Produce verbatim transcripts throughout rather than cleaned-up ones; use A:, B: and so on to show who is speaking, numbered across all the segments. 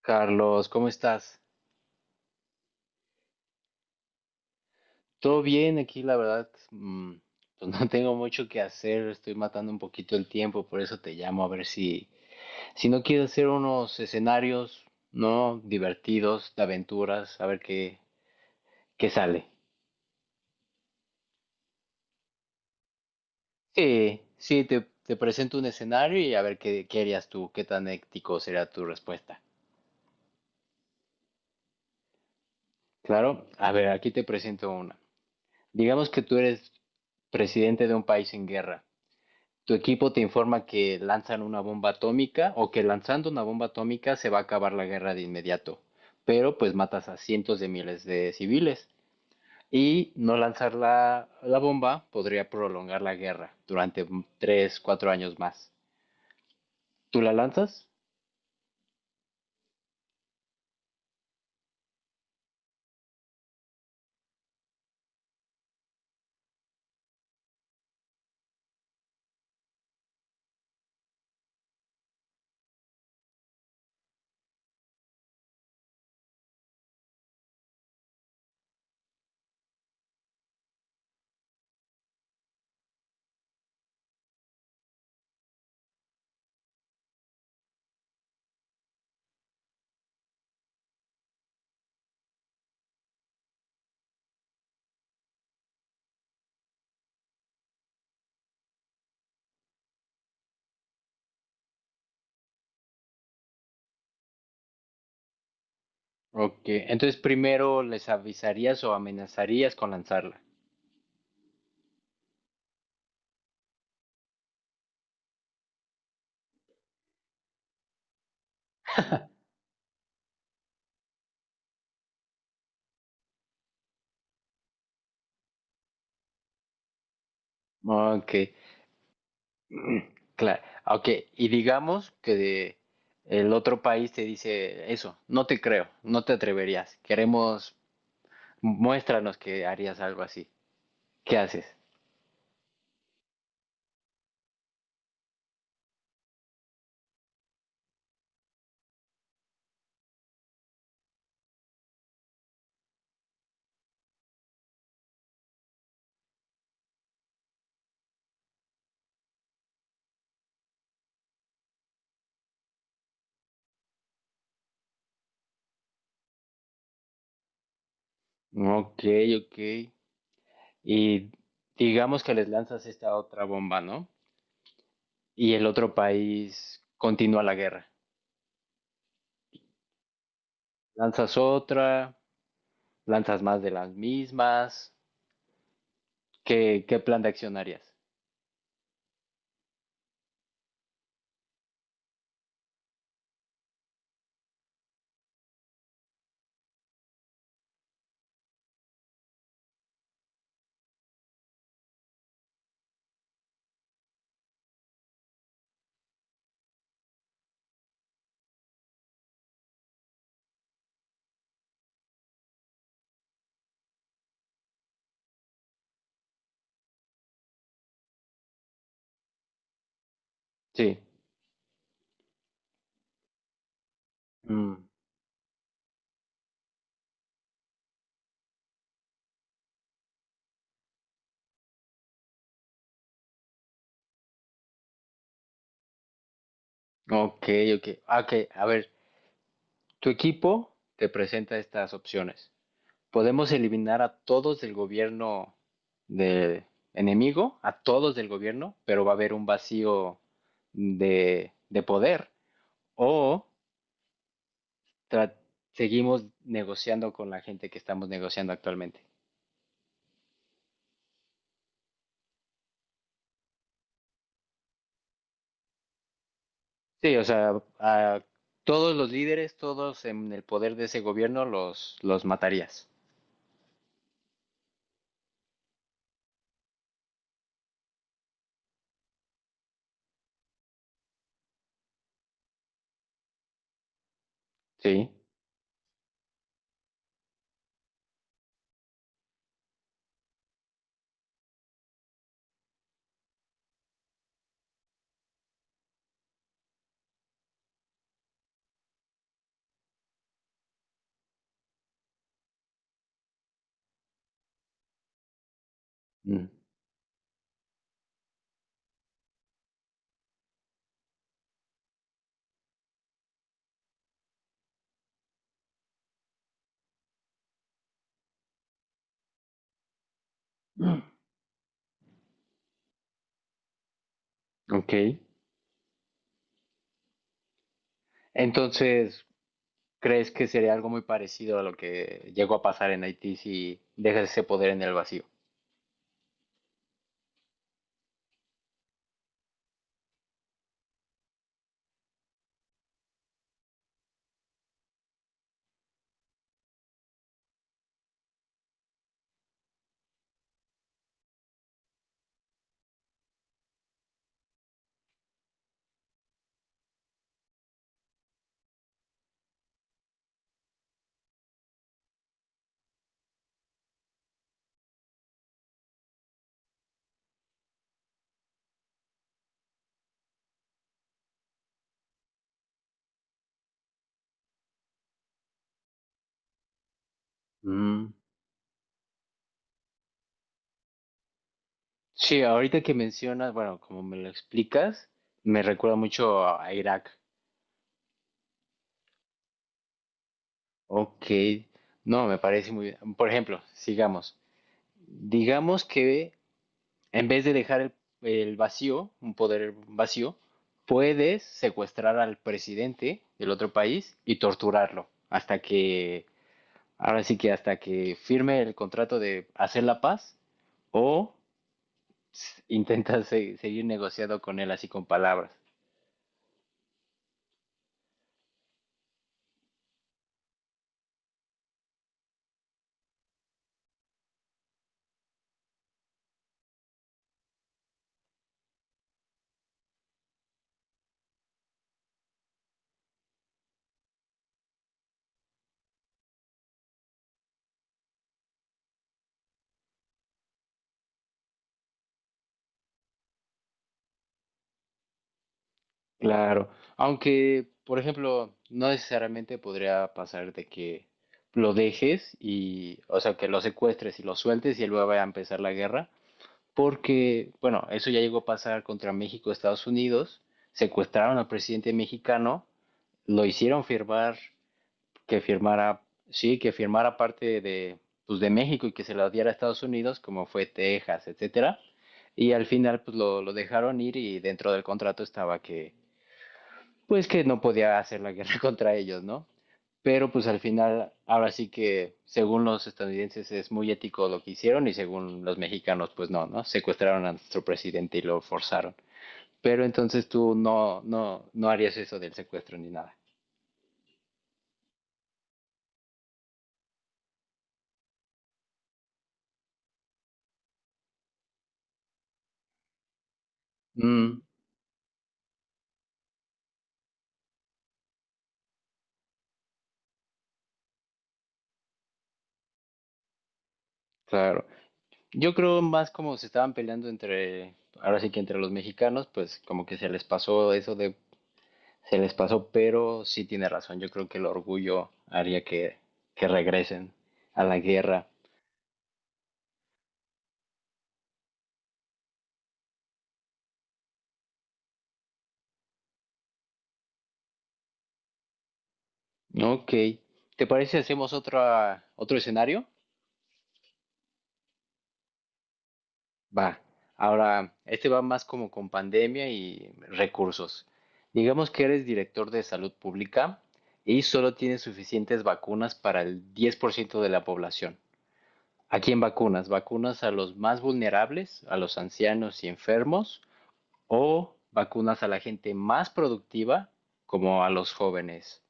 A: Carlos, ¿cómo estás? ¿Todo bien aquí? La verdad, mm, pues no tengo mucho que hacer, estoy matando un poquito el tiempo, por eso te llamo a ver si, si no quieres hacer unos escenarios, ¿no? Divertidos, de aventuras, a ver qué, qué sale. Sí, sí, te, te presento un escenario y a ver qué, qué harías tú, qué tan ético será tu respuesta. Claro, a ver, aquí te presento una. Digamos que tú eres presidente de un país en guerra. Tu equipo te informa que lanzan una bomba atómica o que lanzando una bomba atómica se va a acabar la guerra de inmediato, pero pues matas a cientos de miles de civiles. Y no lanzar la, la bomba podría prolongar la guerra durante tres, cuatro años más. ¿Tú la lanzas? Ok, entonces primero les avisarías o amenazarías con lanzarla. Ok. Claro, ok, y digamos que de- el otro país te dice eso, no te creo, no te atreverías, queremos, muéstranos que harías algo así, ¿qué haces? Ok, ok, y digamos que les lanzas esta otra bomba, ¿no? Y el otro país continúa la guerra, lanzas otra, lanzas más de las mismas, ¿qué, qué plan de acción harías? Sí. Mm, ok, ok, ah, ok, a ver. Tu equipo te presenta estas opciones. Podemos eliminar a todos del gobierno de enemigo, a todos del gobierno, pero va a haber un vacío de, de poder. O seguimos negociando con la gente que estamos negociando actualmente. Sí, o sea, a todos los líderes, todos en el poder de ese gobierno, los, los matarías. Sí. Mm. Ok. Entonces, ¿crees que sería algo muy parecido a lo que llegó a pasar en Haití si dejas ese poder en el vacío? Mm. Sí, ahorita que mencionas, bueno, como me lo explicas, me recuerda mucho a a Irak. Ok, no, me parece muy bien. Por ejemplo, sigamos. Digamos que en vez de dejar el, el vacío, un poder vacío, puedes secuestrar al presidente del otro país y torturarlo hasta que, ahora sí que hasta que firme el contrato de hacer la paz. O s- intentas se- seguir negociando con él así con palabras. Claro. Aunque, por ejemplo, no necesariamente podría pasar de que lo dejes y, o sea, que lo secuestres y lo sueltes y luego vaya a empezar la guerra, porque, bueno, eso ya llegó a pasar contra México, Estados Unidos, secuestraron al presidente mexicano, lo hicieron firmar que firmara, sí, que firmara parte de, pues, de México y que se la diera a Estados Unidos, como fue Texas, etcétera. Y al final, pues lo, lo dejaron ir y dentro del contrato estaba que, pues que no podía hacer la guerra contra ellos, ¿no? Pero pues al final, ahora sí que según los estadounidenses es muy ético lo que hicieron y según los mexicanos, pues no, ¿no? Secuestraron a nuestro presidente y lo forzaron. Pero entonces tú no, no, no harías eso del secuestro ni nada. Mm, claro. Yo creo más como se estaban peleando entre, ahora sí que entre los mexicanos, pues como que se les pasó eso de, se les pasó, pero sí tiene razón, yo creo que el orgullo haría que, que regresen a la guerra. Ok, ¿te parece si hacemos otra, otro escenario? Va, ahora, este va más como con pandemia y recursos. Digamos que eres director de salud pública y solo tienes suficientes vacunas para el diez por ciento de la población. Aquí en vacunas, vacunas a los más vulnerables, a los ancianos y enfermos, o vacunas a la gente más productiva, como a los jóvenes.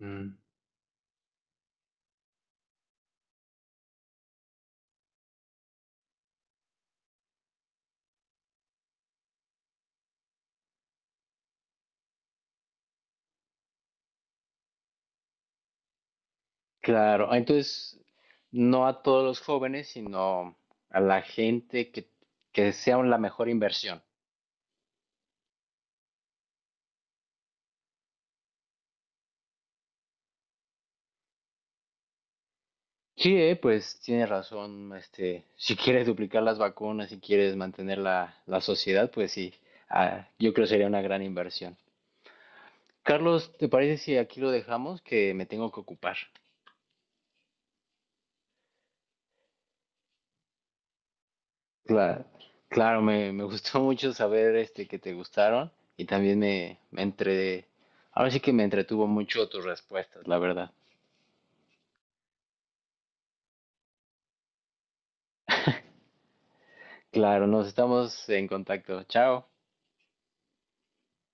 A: Mm. Claro, entonces no a todos los jóvenes, sino a la gente que, que sea la mejor inversión. Sí, eh, pues tiene razón, este, si quieres duplicar las vacunas, si quieres mantener la, la sociedad, pues sí, ah, yo creo que sería una gran inversión. Carlos, ¿te parece si aquí lo dejamos? Que me tengo que ocupar. Claro, claro me, me gustó mucho saber este, que te gustaron y también me, me entre... Ahora sí que me entretuvo mucho tus respuestas, la verdad. Claro, nos estamos en contacto. Chao.